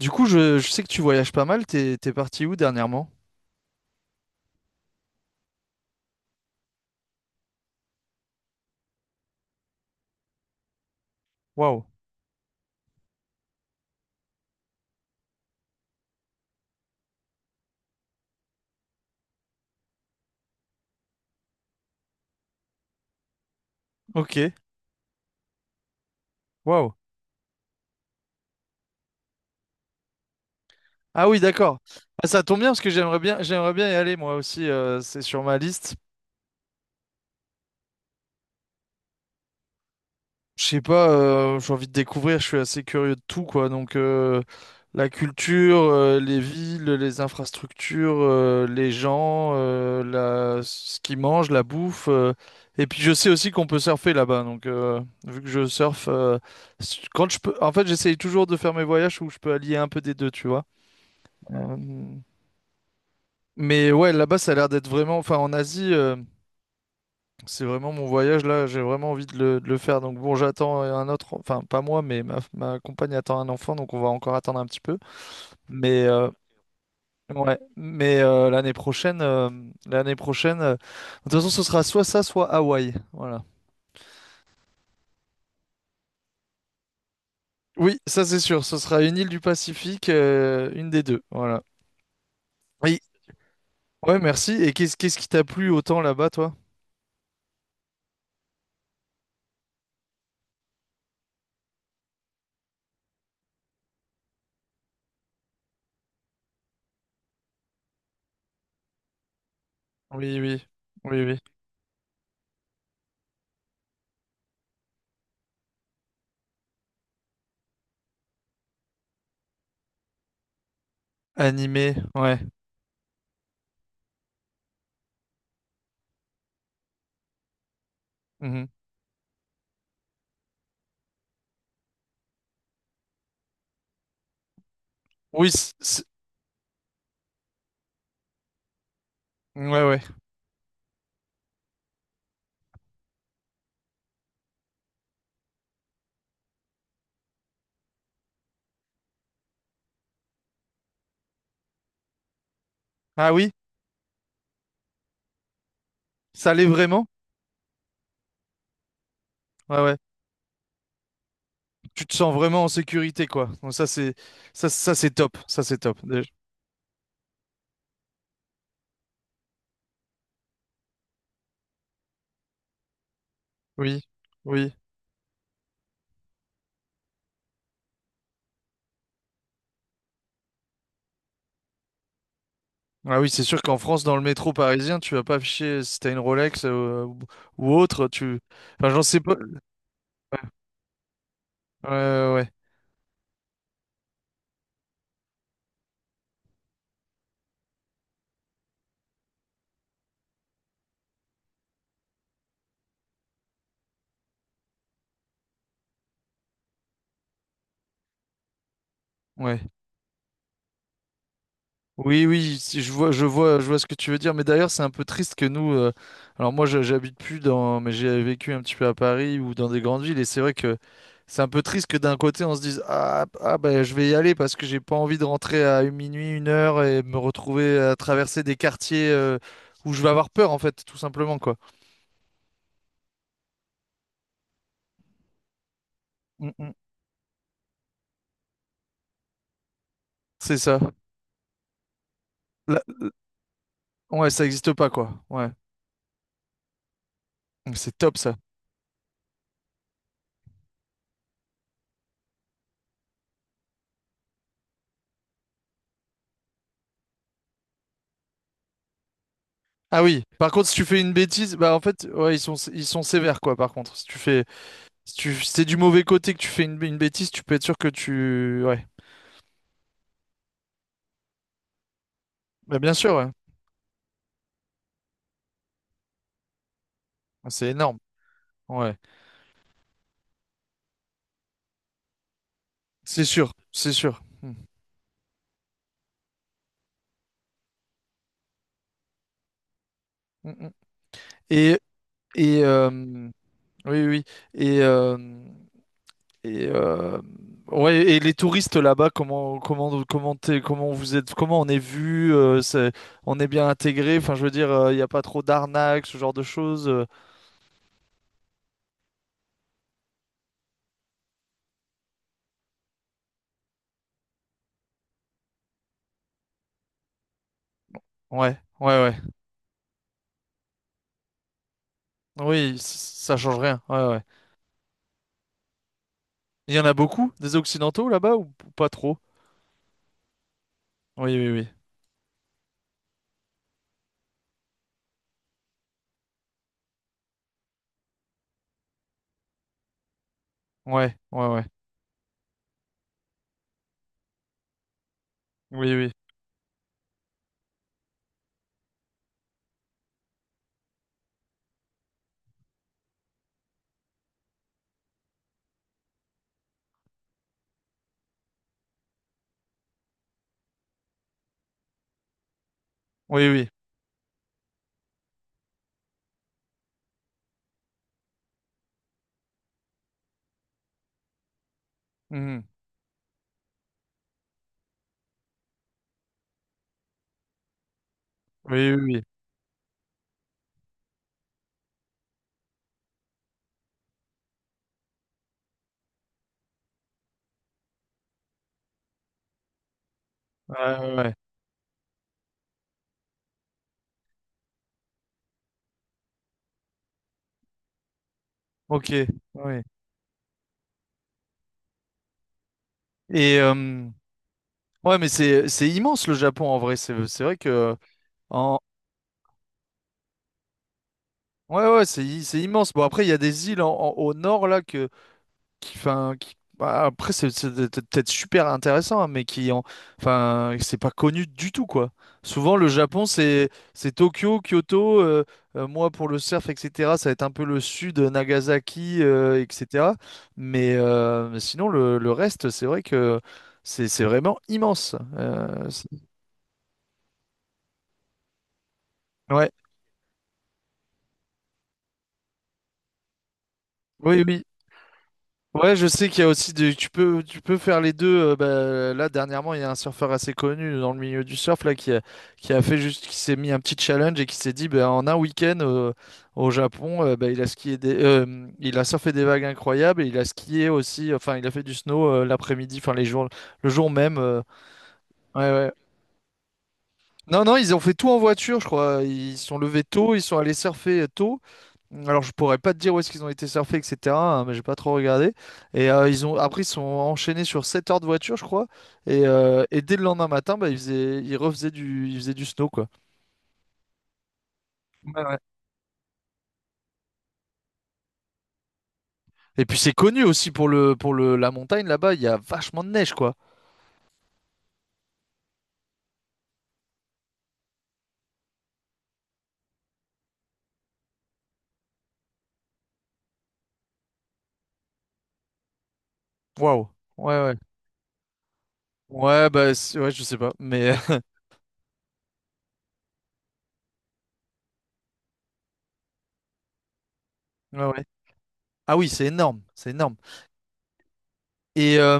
Du coup, je sais que tu voyages pas mal. T'es parti où dernièrement? Waouh. Ok. Waouh. Ah oui, d'accord. Ah, ça tombe bien parce que j'aimerais bien y aller moi aussi. C'est sur ma liste. Je sais pas, j'ai envie de découvrir, je suis assez curieux de tout, quoi. Donc, la culture, les villes, les infrastructures, les gens, la... ce qu'ils mangent, la bouffe. Et puis, je sais aussi qu'on peut surfer là-bas. Donc, vu que je surfe, quand je peux. En fait, j'essaye toujours de faire mes voyages où je peux allier un peu des deux, tu vois. Euh, Mais ouais, là-bas, ça a l'air d'être vraiment. Enfin, en Asie. C'est vraiment mon voyage là, j'ai vraiment envie de le faire. Donc bon, j'attends un autre, enfin pas moi, mais ma compagne attend un enfant, donc on va encore attendre un petit peu. Mais ouais, mais l'année prochaine, de toute façon, ce sera soit ça, soit Hawaï. Voilà. Oui, ça c'est sûr, ce sera une île du Pacifique, une des deux. Voilà. Oui, ouais, merci. Et qu'est-ce qui t'a plu autant là-bas, toi? Oui, oui, oui, oui. Animé, ouais. Mhm. Oui, ouais, ouais. Ah oui, ça l'est vraiment? Ouais, ouais. Tu te sens vraiment en sécurité, quoi. Donc ça, c'est ça, ça c'est top. Ça, c'est top. Déjà. Oui, oui. Ah oui, c'est sûr qu'en France, dans le métro parisien, tu vas pas afficher si t'as une Rolex ou autre. Tu... Enfin, j'en sais pas. Ouais, ouais, ouais. Oui, oui, si je vois, je vois, je vois ce que tu veux dire. Mais d'ailleurs, c'est un peu triste que nous. Alors moi, j'habite plus dans, mais j'ai vécu un petit peu à Paris ou dans des grandes villes, et c'est vrai que c'est un peu triste que d'un côté on se dise ah, ah ben je vais y aller parce que j'ai pas envie de rentrer à une minuit, une heure et me retrouver à traverser des quartiers où je vais avoir peur en fait, tout simplement quoi. Mm, mm. C'est ça. Là- ouais, ça existe pas quoi. Ouais, c'est top ça. Ah oui. Par contre, si tu fais une bêtise, bah en fait, ouais, ils sont sévères quoi. Par contre, si tu fais. Si t'es du mauvais côté que tu fais une bêtise, tu peux être sûr que tu... Ouais. Bah, bien sûr, ouais. Ah, c'est énorme. Ouais. C'est sûr, c'est sûr. Mm. Mm, mm. Et... et Oui, oui. Oui. Et... et euh, Ouais, et les touristes là-bas, comment comment vous êtes, comment on est vu, on est bien intégré. Enfin, je veux dire, il n'y a pas trop d'arnaques, ce genre de choses. Ouais, ouais, ouais. Oui, ça change rien. Ouais, ouais. Il y en a beaucoup des Occidentaux là-bas ou pas trop? Oui, oui, oui. Ouais, ouais, ouais. Oui, oui. Oui, oui. Mhm. Oui, oui, oui. Ouais, ouais, ouais. Ok. Oui. Et ouais, mais c'est immense le Japon en vrai. C'est vrai que en ouais, ouais, c'est immense. Bon après, il y a des îles au nord là que qui, enfin, bah, après c'est c'est peut-être super intéressant, hein, mais qui en, enfin, c'est pas connu du tout quoi. Souvent le Japon c'est Tokyo, Kyoto, moi pour le surf etc. Ça va être un peu le sud, Nagasaki etc. Mais sinon le reste c'est vrai que c'est vraiment immense. Ouais, oui oui. Ouais, je sais qu'il y a aussi des... tu peux faire les deux. Bah, là dernièrement, il y a un surfeur assez connu dans le milieu du surf là qui a fait juste qui s'est mis un petit challenge et qui s'est dit bah, en un week-end au Japon, bah, il a surfé des vagues incroyables et il a skié aussi. Enfin, il a fait du snow l'après-midi, enfin les jours le jour même. Ouais, ouais. Non, non, ils ont fait tout en voiture, je crois. Ils se sont levés tôt, ils sont allés surfer tôt. Alors, je pourrais pas te dire où est-ce qu'ils ont été surfer, etc. hein, mais j'ai pas trop regardé. Et ils ont après, ils sont enchaînés sur 7 heures de voiture, je crois. Et dès le lendemain matin, bah, ils faisaient du snow, quoi. Ouais, ouais. Et puis, c'est connu aussi pour la montagne là-bas. Il y a vachement de neige, quoi. Waouh. Ouais, ouais. Ouais, bah, ouais, je sais pas, mais ouais, ouais. Ah oui, c'est énorme, c'est énorme. Et, euh,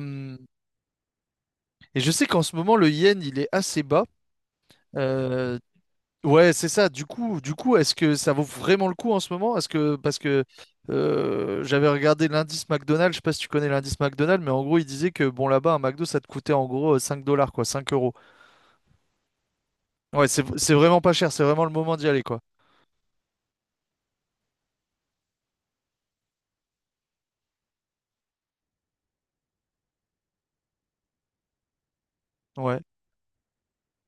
et je sais qu'en ce moment, le yen, il est assez bas. Euh, ouais, c'est ça. Du coup, est-ce que ça vaut vraiment le coup en ce moment? Est-ce que parce que j'avais regardé l'indice McDonald's, je sais pas si tu connais l'indice McDonald's, mais en gros, il disait que bon là-bas, un McDo, ça te coûtait en gros 5 dollars, quoi, 5 euros. Ouais, c'est vraiment pas cher, c'est vraiment le moment d'y aller, quoi. Ouais.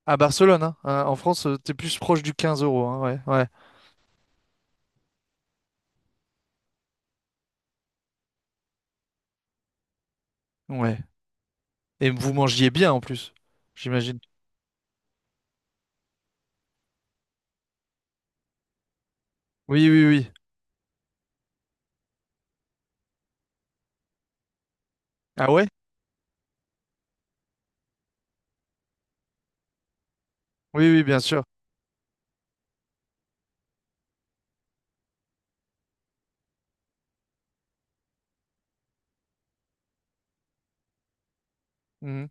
À Barcelone, hein, hein, en France, t'es plus proche du quinze euros, hein, ouais, ouais, ouais. Et vous mangiez bien en plus, j'imagine. Oui, oui, oui. Ah ouais? Oui, oui, bien sûr. Mhm.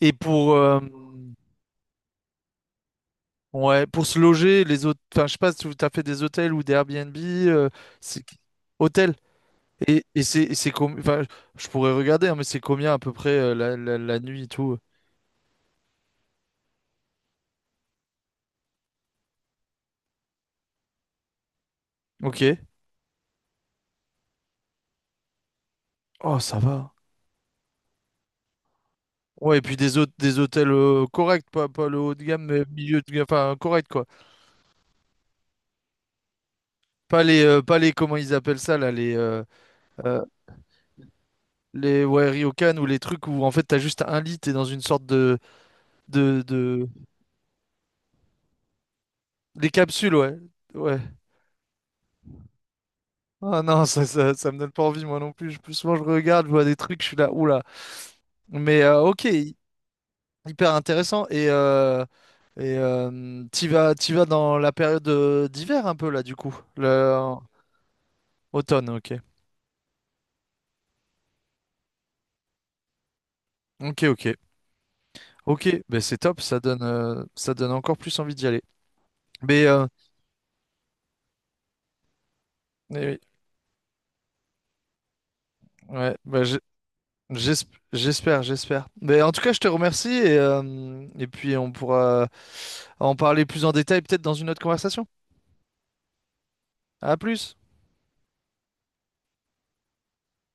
Et pour ouais, pour se loger, les autres, enfin, je sais pas si tu as fait des hôtels ou des Airbnb, c'est hôtel. Et c'est enfin, je pourrais regarder, hein, mais c'est combien à peu près la nuit et tout. Ok. Oh, ça va. Ouais, et puis des des hôtels corrects, pas, pas le haut de gamme, mais milieu de gamme, enfin correct quoi. Pas les, pas les, comment ils appellent ça là, euh, les ouais, ryokan ou les trucs où en fait t'as juste un lit, t'es dans une sorte de des capsules, ouais. Ouais. Ah non, ça, ça me donne pas envie, moi non plus. Plus souvent, je regarde, je vois des trucs, je suis là, oula. Mais ok, hyper intéressant. Et, t'y vas dans la période d'hiver un peu, là, du coup. Le... Automne, ok. Ok, ok. Ok, ben c'est top, ça donne encore plus envie d'y aller. Mais eh oui, ouais, ben j'espère, j'espère. Mais en tout cas, je te remercie et puis on pourra en parler plus en détail peut-être dans une autre conversation. À plus!